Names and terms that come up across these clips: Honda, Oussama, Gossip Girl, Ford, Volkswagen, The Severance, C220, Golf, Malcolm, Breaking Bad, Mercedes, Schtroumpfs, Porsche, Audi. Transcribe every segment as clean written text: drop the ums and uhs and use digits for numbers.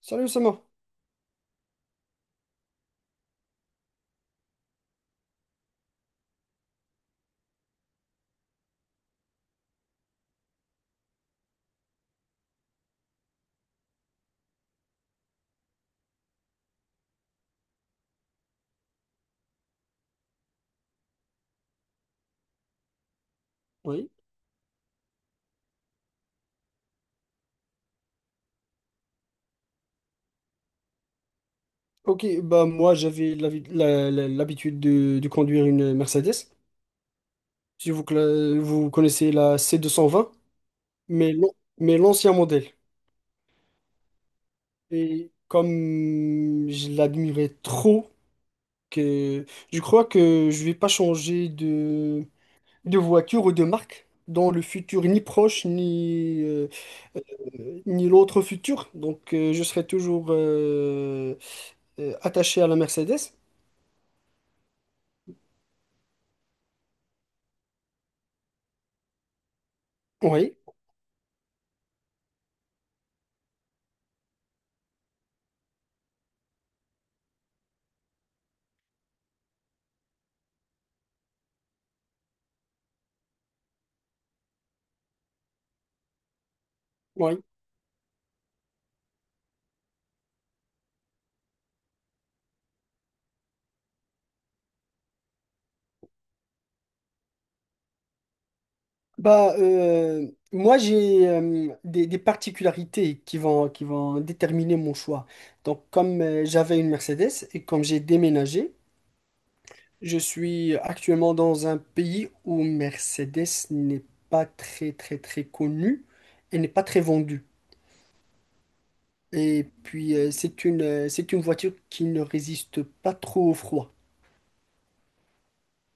Salut sérieusement. Oui. Ok, bah moi j'avais l'habitude de conduire une Mercedes. Si vous, vous connaissez la C220, mais l'ancien modèle. Et comme je l'admirais trop, que je crois que je vais pas changer de voiture ou de marque dans le futur, ni proche, ni, ni l'autre futur. Donc je serai toujours attaché à la Mercedes. Oui, oui. Bah, moi, j'ai des particularités qui vont déterminer mon choix. Donc, comme j'avais une Mercedes et comme j'ai déménagé, je suis actuellement dans un pays où Mercedes n'est pas très, très, très connue et n'est pas très vendue. Et puis, c'est une voiture qui ne résiste pas trop au froid.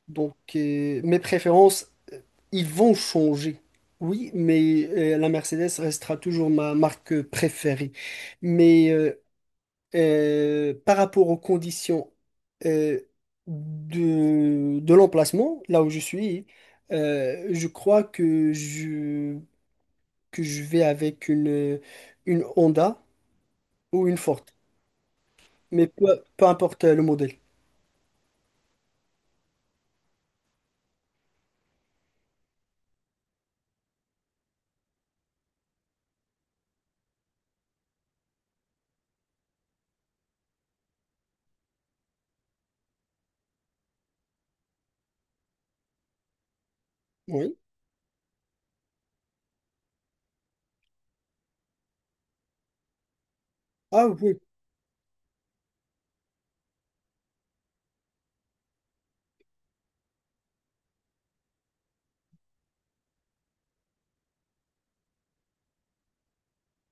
Donc, mes préférences ils vont changer, oui, mais la Mercedes restera toujours ma marque préférée. Mais par rapport aux conditions euh, de l'emplacement, là où je suis, je crois que je vais avec une Honda ou une Ford. Mais peu importe le modèle. Oui. Ah oui.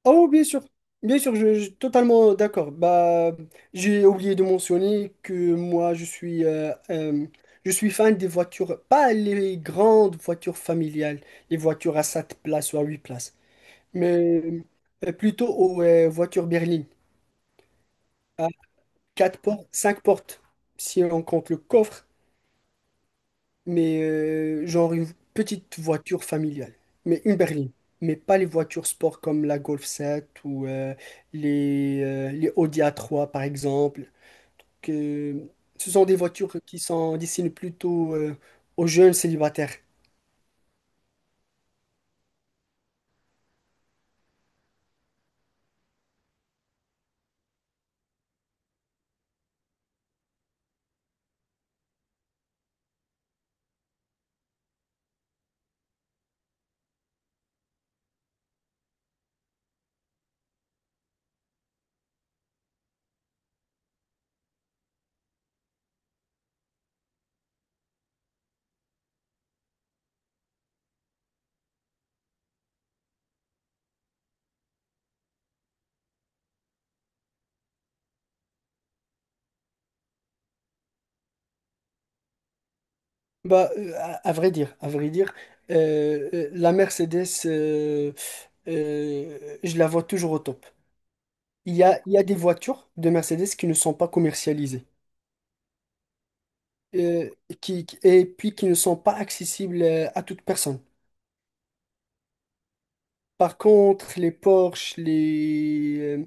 Oh, bien sûr, je suis totalement d'accord. Bah, j'ai oublié de mentionner que moi, je suis fan des voitures, pas les grandes voitures familiales, les voitures à 7 places ou à 8 places, mais plutôt aux voitures berlines, à 4 portes, 5 portes, si on compte le coffre. Mais genre une petite voiture familiale, mais une berline, mais pas les voitures sport comme la Golf 7 ou les Audi a trois par exemple, que ce sont des voitures qui sont destinées plutôt aux jeunes célibataires. Bah, à vrai dire, la Mercedes, je la vois toujours au top. Il y a des voitures de Mercedes qui ne sont pas commercialisées. euh, qui, et puis qui ne sont pas accessibles à toute personne. Par contre, les Porsche,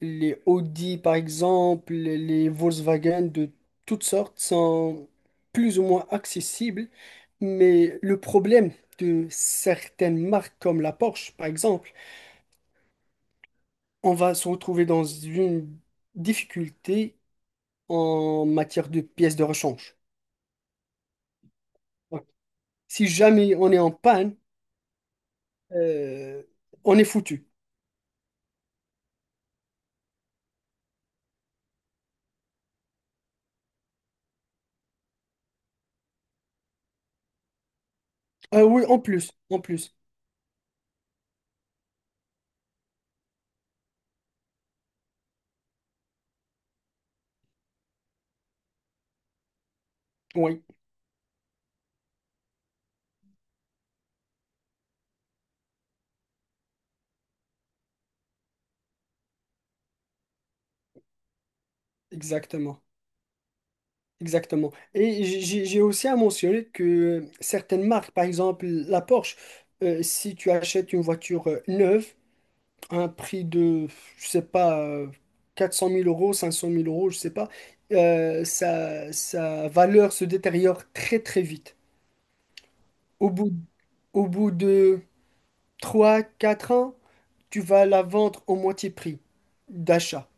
les Audi, par exemple, les Volkswagen de toutes sortes sont plus ou moins accessibles. Mais le problème de certaines marques comme la Porsche, par exemple, on va se retrouver dans une difficulté en matière de pièces de rechange. Donc, si jamais on est en panne, euh, on est foutu. Ah oui, en plus, en plus. Oui, exactement. Exactement. Et j'ai aussi à mentionner que certaines marques, par exemple la Porsche, si tu achètes une voiture neuve à un prix de, je sais pas, quatre cent mille euros, cinq cent mille euros, je sais pas, sa, sa valeur se détériore très très vite. Au bout, au bout de 3 4 ans, tu vas la vendre au moitié prix d'achat.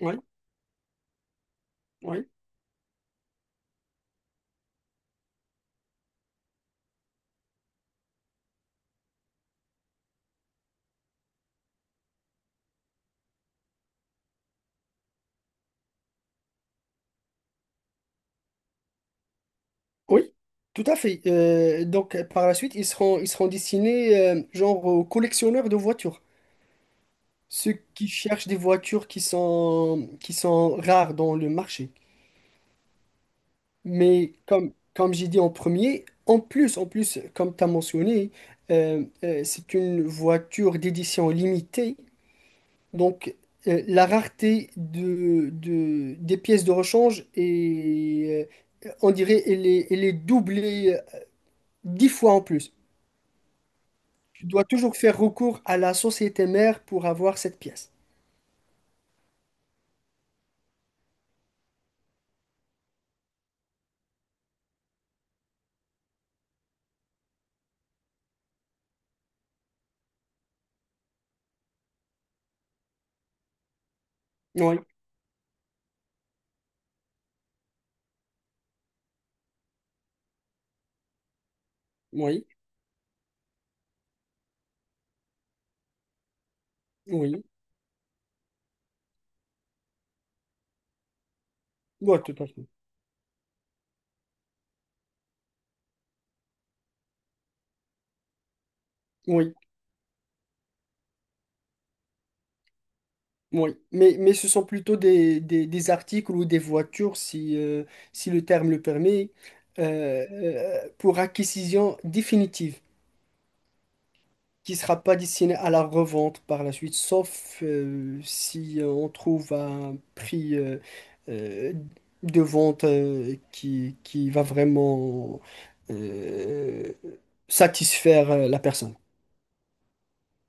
Oui. Oui, tout à fait. Donc, par la suite, ils seront destinés, genre, aux collectionneurs de voitures. Ceux qui cherchent des voitures qui sont rares dans le marché. Mais comme, comme j'ai dit en premier, en plus, comme tu as mentionné, c'est une voiture d'édition limitée. Donc, la rareté de, des pièces de rechange est, on dirait, elle est doublée 10 fois en plus. Tu dois toujours faire recours à la société mère pour avoir cette pièce. Oui, oui, oui. Ouais, tout à fait. Oui, oui. Mais ce sont plutôt des articles ou des voitures, si, si le terme le permet, pour acquisition définitive. Qui sera pas destiné à la revente par la suite, sauf si on trouve un prix euh, de vente qui va vraiment euh, satisfaire la personne.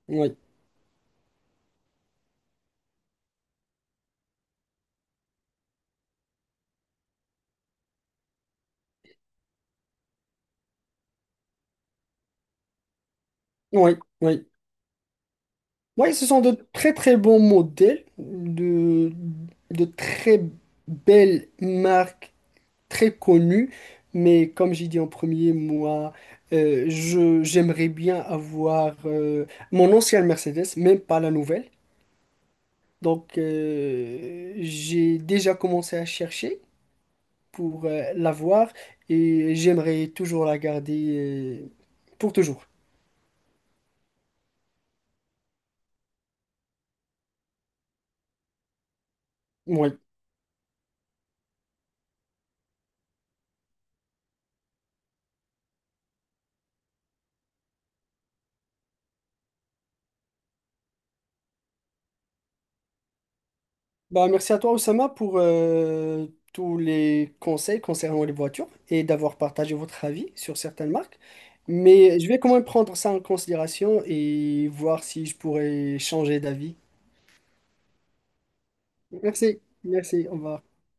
Oui, oui, oui. Oui, ce sont de très très bons modèles, de très belles marques très connu, mais comme j'ai dit en premier, moi, je, j'aimerais bien avoir mon ancienne Mercedes, même pas la nouvelle. Donc, j'ai déjà commencé à chercher pour l'avoir et j'aimerais toujours la garder pour toujours. Oui. Bah, merci à toi, Oussama, pour tous les conseils concernant les voitures et d'avoir partagé votre avis sur certaines marques. Mais je vais quand même prendre ça en considération et voir si je pourrais changer d'avis. Merci, merci, on va.